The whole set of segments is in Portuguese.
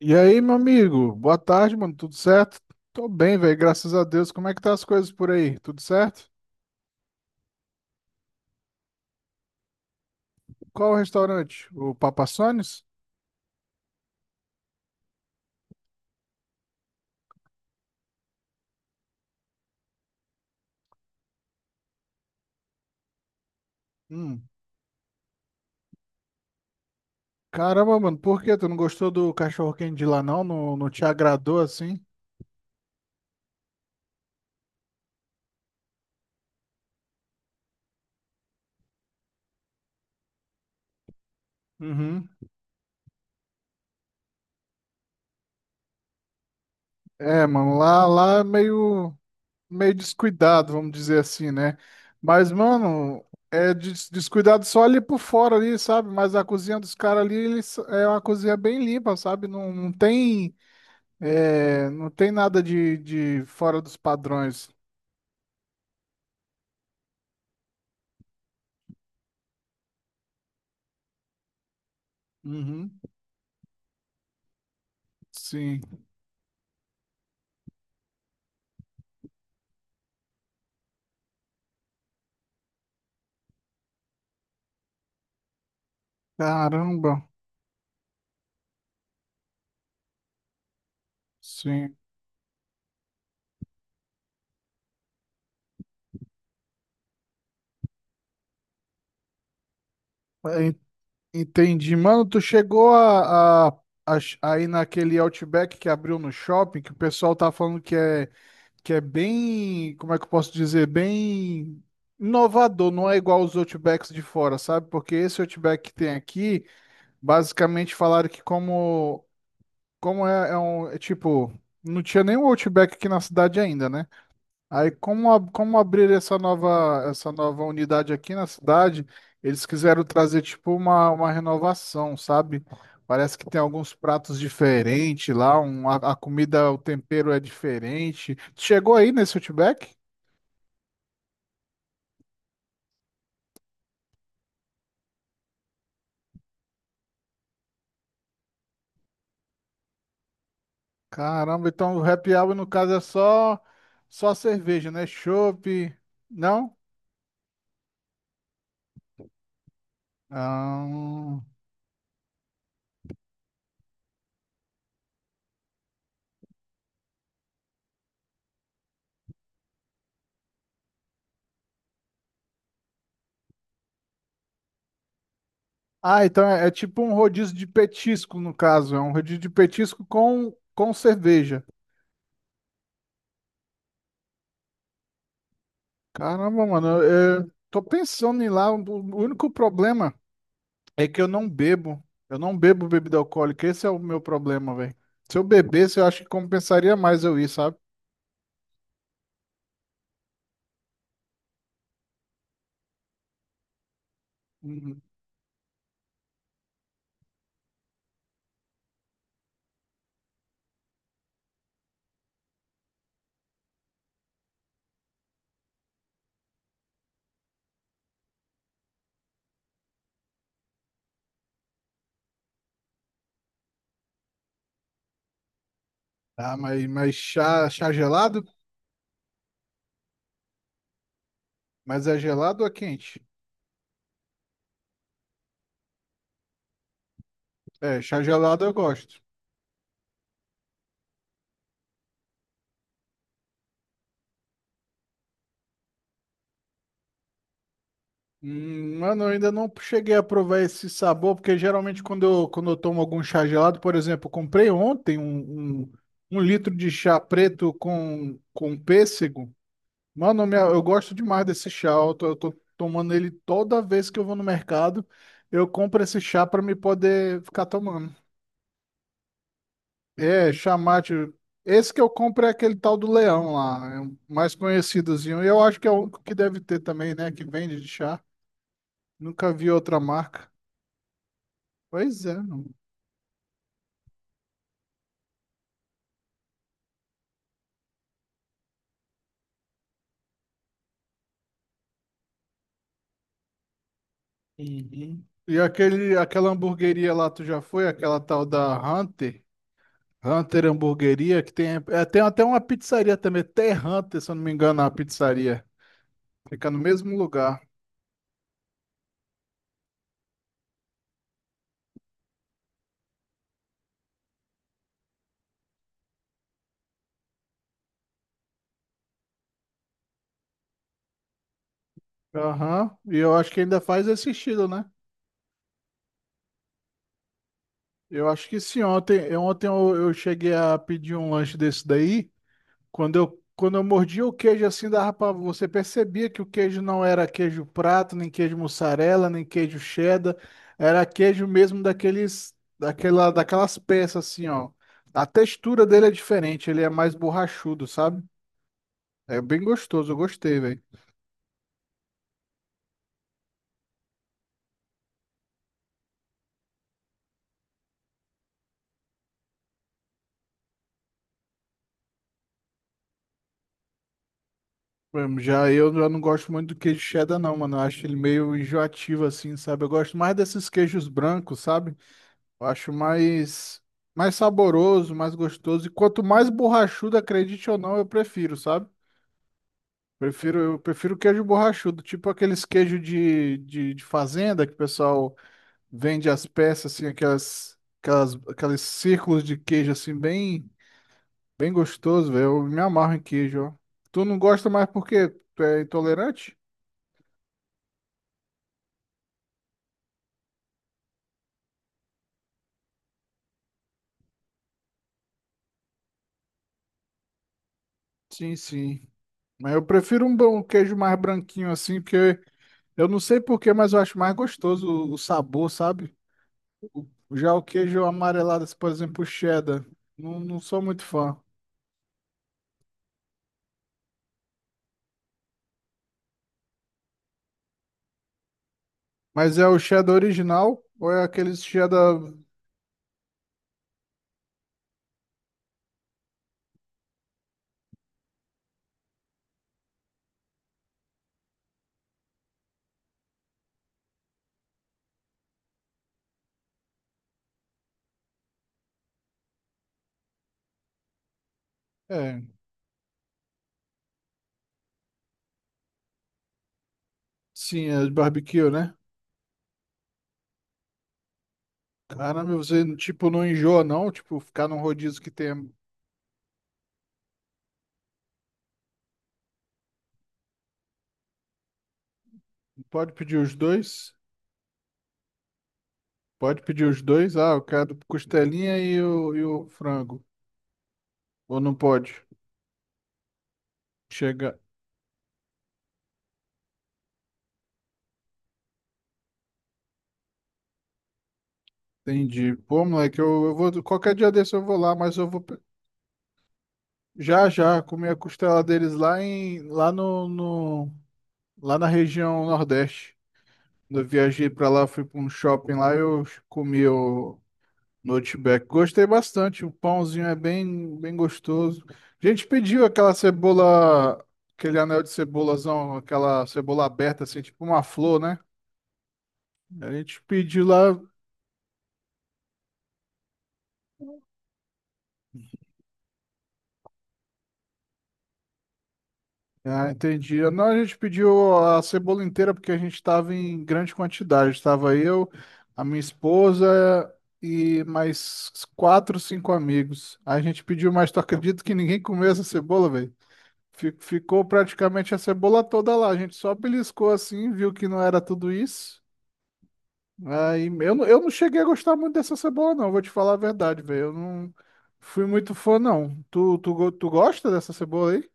E aí, meu amigo? Boa tarde, mano. Tudo certo? Tô bem, velho. Graças a Deus. Como é que tá as coisas por aí? Tudo certo? Qual o restaurante? O Papa Sonis? Hum. Caramba, mano. Por quê? Tu não gostou do cachorro-quente de lá, não? Não, não te agradou assim? Uhum. É, mano. Lá é meio descuidado, vamos dizer assim, né? Mas, mano, é descuidado só ali por fora ali, sabe? Mas a cozinha dos caras ali, eles, é uma cozinha bem limpa, sabe? Não, não tem. É, não tem nada de fora dos padrões. Uhum, sim. Caramba, sim. É, entendi. Mano, tu chegou a ir naquele Outback que abriu no shopping, que o pessoal tá falando que é bem, como é que eu posso dizer, bem inovador, não é igual os Outbacks de fora, sabe? Porque esse Outback que tem aqui, basicamente falaram que como é, é tipo, não tinha nenhum Outback aqui na cidade ainda, né? Aí, como abrir essa nova unidade aqui na cidade, eles quiseram trazer, tipo, uma renovação, sabe? Parece que tem alguns pratos diferentes lá, a comida, o tempero é diferente. Chegou aí nesse Outback? Caramba, então o happy hour, no caso, é só cerveja, né? Chopp, não? Ah, ah, então é tipo um rodízio de petisco, no caso. É um rodízio de petisco com cerveja. Caramba, mano, eu tô pensando em ir lá. O único problema é que eu não bebo. Eu não bebo bebida alcoólica. Esse é o meu problema, velho. Se eu bebesse, eu acho que compensaria mais eu ir, sabe? Uhum. Ah, mas chá gelado? Mas é gelado ou é quente? É, chá gelado eu gosto. Mano, eu ainda não cheguei a provar esse sabor, porque geralmente quando eu tomo algum chá gelado, por exemplo, eu comprei ontem um litro de chá preto com pêssego. Mano, eu gosto demais desse chá. Eu tô tomando ele toda vez que eu vou no mercado. Eu compro esse chá pra me poder ficar tomando. É, chá mate. Esse que eu compro é aquele tal do Leão lá, é o mais conhecidozinho. E eu acho que é o único que deve ter também, né? Que vende de chá. Nunca vi outra marca. Pois é, mano. Uhum. E aquela hamburgueria lá, tu já foi? Aquela tal da Hunter? Hunter Hamburgueria, que tem, tem até uma pizzaria também, até Hunter, se eu não me engano, a pizzaria. Fica no mesmo lugar. Aham. E eu acho que ainda faz esse estilo, né? Eu acho que sim. Ontem, ontem eu cheguei a pedir um lanche desse daí. Quando eu mordia o queijo assim, dava pra, você percebia que o queijo não era queijo prato, nem queijo mussarela, nem queijo cheddar. Era queijo mesmo daqueles, daquelas peças assim, ó. A textura dele é diferente, ele é mais borrachudo, sabe? É bem gostoso, eu gostei, velho. Mano, Já eu já não gosto muito do queijo cheddar, não, mano. Eu acho ele meio enjoativo, assim, sabe? Eu gosto mais desses queijos brancos, sabe? Eu acho mais saboroso, mais gostoso. E quanto mais borrachudo, acredite ou não, eu prefiro, sabe? Eu prefiro queijo borrachudo, tipo aqueles queijos de fazenda que o pessoal vende as peças, assim, aqueles círculos de queijo, assim, bem gostoso, velho. Eu me amarro em queijo, ó. Tu não gosta mais porque tu é intolerante? Sim, sim. Mas eu prefiro um bom queijo mais branquinho assim, porque eu não sei porquê, mas eu acho mais gostoso o sabor, sabe? Já o queijo amarelado, assim, por exemplo, o cheddar, não, não sou muito fã. Mas é o cheddar original ou é aqueles cheddar? É, sim, é de barbecue, né? Caramba, você, tipo, não enjoa, não? Tipo, ficar num rodízio que tem. Pode pedir os dois? Pode pedir os dois? Ah, eu quero costelinha e o frango. Ou não pode? Chega. Entendi. Pô, moleque, eu vou. Qualquer dia desse eu vou lá, mas já já comer a costela deles lá em lá no, no- lá na região Nordeste. Quando eu viajei pra lá, fui pra um shopping lá, eu comi o no Outback. Gostei bastante. O pãozinho é bem bem gostoso. A gente pediu aquela cebola, aquele anel de cebolazão, aquela cebola aberta assim, tipo uma flor, né? A gente pediu lá. Ah, entendi. Não, a gente pediu a cebola inteira porque a gente estava em grande quantidade. Estava eu, a minha esposa e mais quatro, cinco amigos. Aí a gente pediu, mas tu acredita que ninguém comeu essa cebola, velho? Ficou praticamente a cebola toda lá. A gente só beliscou assim, viu que não era tudo isso. Aí eu não cheguei a gostar muito dessa cebola, não. Vou te falar a verdade, velho. Eu não fui muito fã, não. Tu gosta dessa cebola aí?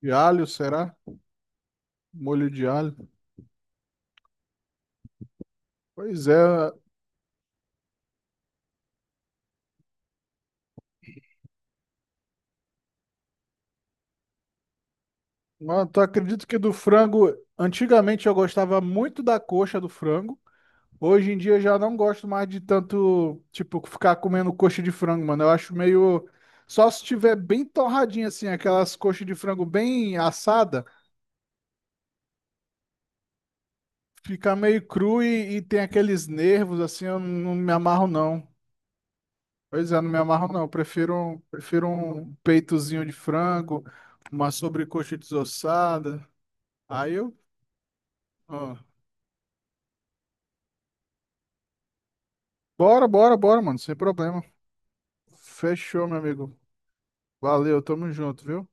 De alho, será? Molho de alho. Pois é, mano, tu acredita que do frango, antigamente eu gostava muito da coxa do frango. Hoje em dia eu já não gosto mais de tanto, tipo, ficar comendo coxa de frango, mano. Eu acho meio só se tiver bem torradinha assim, aquelas coxas de frango bem assada, fica meio cru e tem aqueles nervos assim, eu não me amarro não. Pois é, não me amarro não. Eu prefiro um peitozinho de frango, uma sobrecoxa desossada. Aí eu, Bora, bora, bora, mano. Sem problema. Fechou, meu amigo. Valeu, tamo junto, viu?